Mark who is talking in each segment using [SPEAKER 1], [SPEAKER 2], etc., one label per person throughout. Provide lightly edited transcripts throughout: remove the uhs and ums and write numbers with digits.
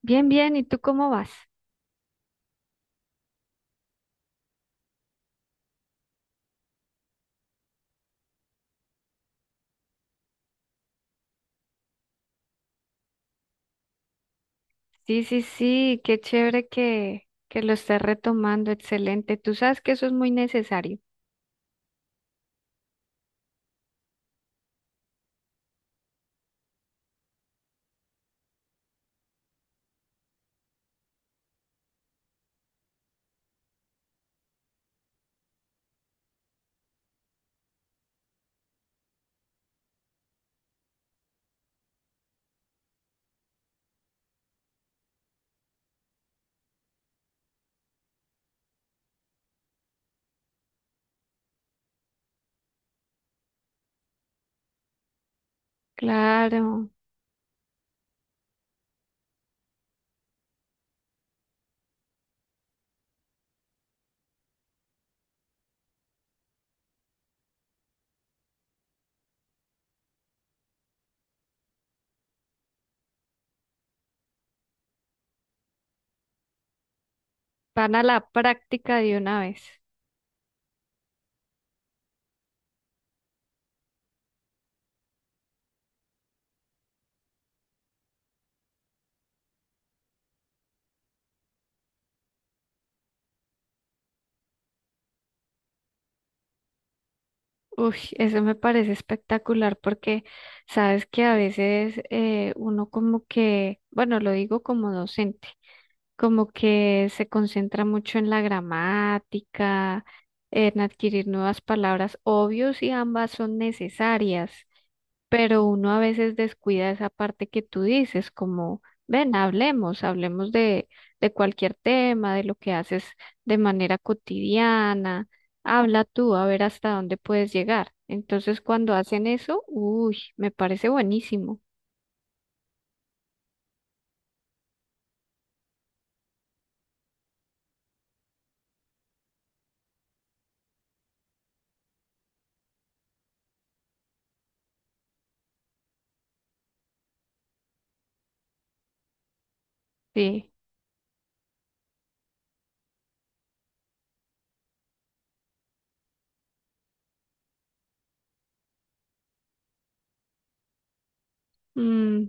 [SPEAKER 1] Bien, bien, ¿y tú cómo vas? Sí, sí, sí, qué chévere que lo estés retomando, excelente. Tú sabes que eso es muy necesario. Claro, van a la práctica de una vez. Uy, eso me parece espectacular porque sabes que a veces uno como que, bueno, lo digo como docente, como que se concentra mucho en la gramática, en adquirir nuevas palabras, obvio si ambas son necesarias, pero uno a veces descuida esa parte que tú dices, como, ven, hablemos, de cualquier tema, de lo que haces de manera cotidiana, habla tú, a ver hasta dónde puedes llegar. Entonces, cuando hacen eso, uy, me parece buenísimo. Sí. Mm,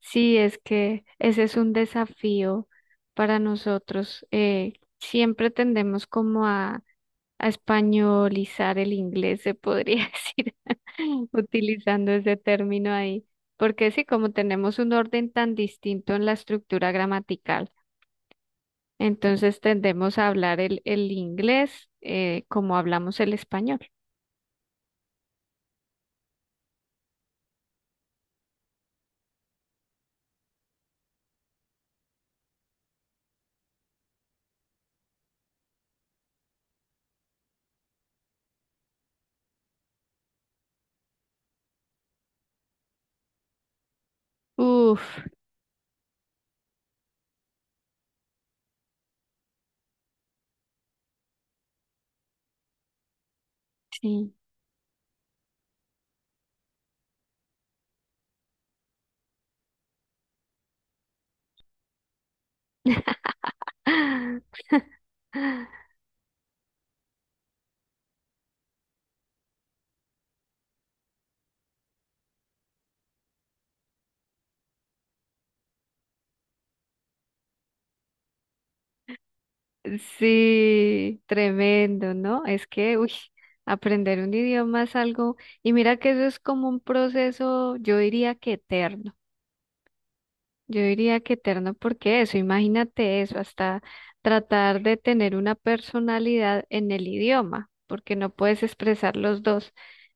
[SPEAKER 1] sí, es que ese es un desafío para nosotros. Siempre tendemos como a españolizar el inglés, se podría decir, utilizando ese término ahí, porque sí, como tenemos un orden tan distinto en la estructura gramatical, entonces tendemos a hablar el inglés como hablamos el español. Uf, sí. Sí, tremendo, ¿no? Es que, uy, aprender un idioma es algo, y mira que eso es como un proceso, yo diría que eterno. Yo diría que eterno porque eso, imagínate eso, hasta tratar de tener una personalidad en el idioma, porque no puedes expresar los dos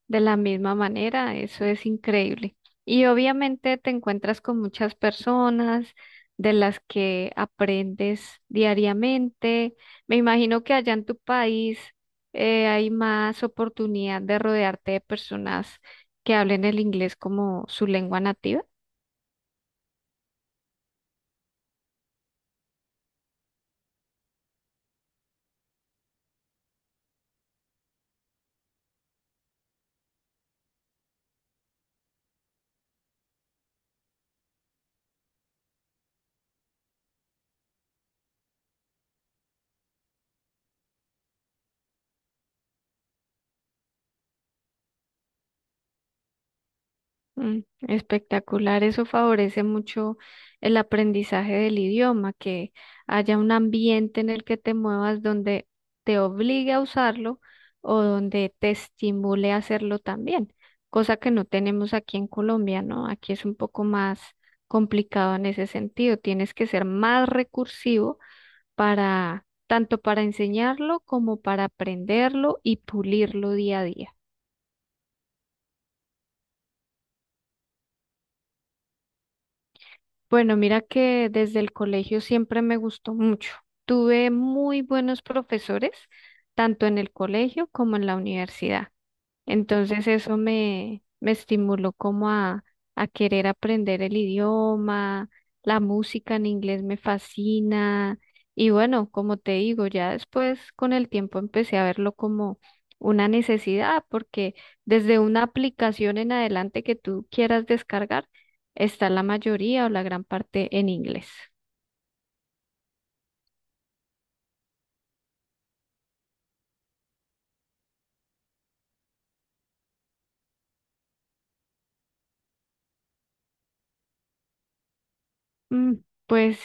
[SPEAKER 1] de la misma manera, eso es increíble. Y obviamente te encuentras con muchas personas de las que aprendes diariamente. Me imagino que allá en tu país hay más oportunidad de rodearte de personas que hablen el inglés como su lengua nativa. Mm. Espectacular, eso favorece mucho el aprendizaje del idioma, que haya un ambiente en el que te muevas donde te obligue a usarlo o donde te estimule a hacerlo también, cosa que no tenemos aquí en Colombia, ¿no? Aquí es un poco más complicado en ese sentido, tienes que ser más recursivo para tanto para enseñarlo como para aprenderlo y pulirlo día a día. Bueno, mira que desde el colegio siempre me gustó mucho. Tuve muy buenos profesores, tanto en el colegio como en la universidad. Entonces eso me estimuló como a querer aprender el idioma, la música en inglés me fascina y bueno, como te digo, ya después con el tiempo empecé a verlo como una necesidad porque desde una aplicación en adelante que tú quieras descargar, está la mayoría o la gran parte en inglés. Mm, pues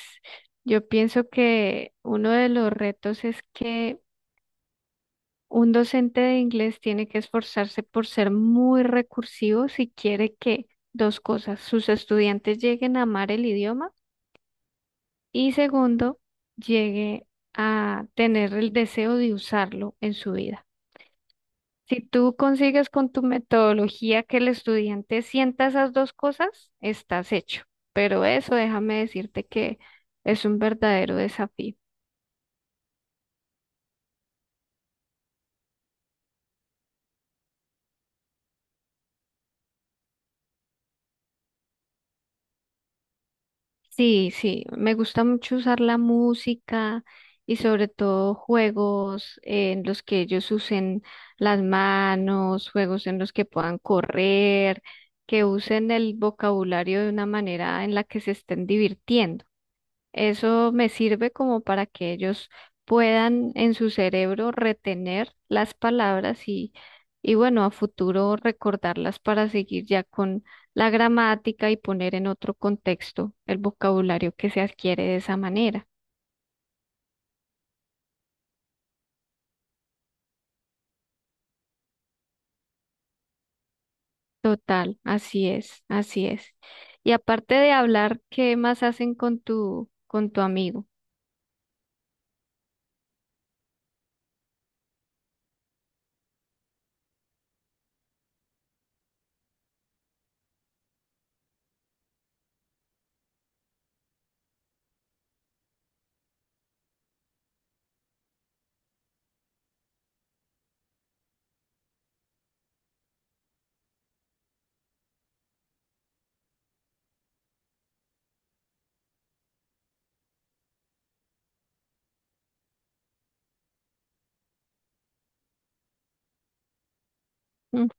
[SPEAKER 1] yo pienso que uno de los retos es que un docente de inglés tiene que esforzarse por ser muy recursivo si quiere que dos cosas, sus estudiantes lleguen a amar el idioma y segundo, llegue a tener el deseo de usarlo en su vida. Si tú consigues con tu metodología que el estudiante sienta esas dos cosas, estás hecho. Pero eso déjame decirte que es un verdadero desafío. Sí, sí, me gusta mucho usar la música y sobre todo juegos en los que ellos usen las manos, juegos en los que puedan correr, que usen el vocabulario de una manera en la que se estén divirtiendo. Eso me sirve como para que ellos puedan en su cerebro retener las palabras y bueno, a futuro recordarlas para seguir ya con la gramática y poner en otro contexto el vocabulario que se adquiere de esa manera. Total, así es, así es. Y aparte de hablar, ¿qué más hacen con con tu amigo? Mm,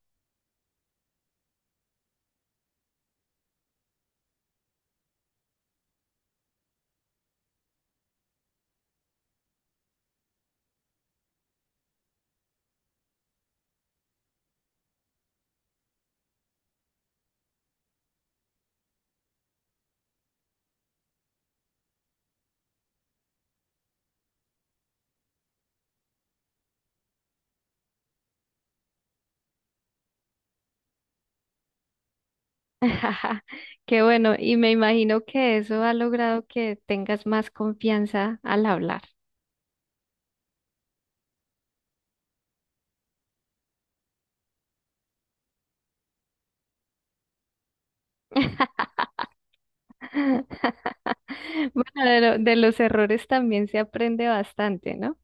[SPEAKER 1] ja, qué bueno, y me imagino que eso ha logrado que tengas más confianza al hablar. Bueno, de los errores también se aprende bastante, ¿no?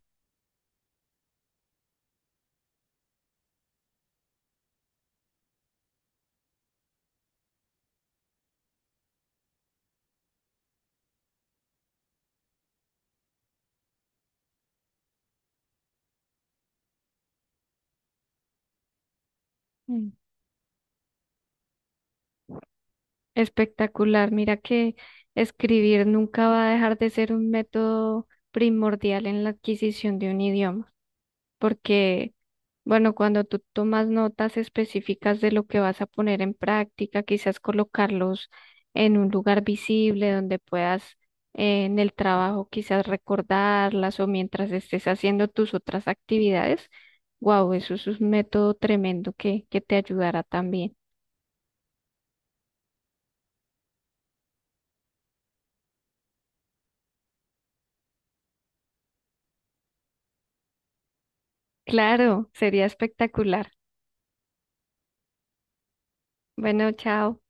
[SPEAKER 1] Mm. Espectacular. Mira que escribir nunca va a dejar de ser un método primordial en la adquisición de un idioma. Porque, bueno, cuando tú tomas notas específicas de lo que vas a poner en práctica, quizás colocarlos en un lugar visible donde puedas en el trabajo quizás recordarlas o mientras estés haciendo tus otras actividades, wow, eso es un método tremendo que te ayudará también. Claro, sería espectacular. Bueno, chao.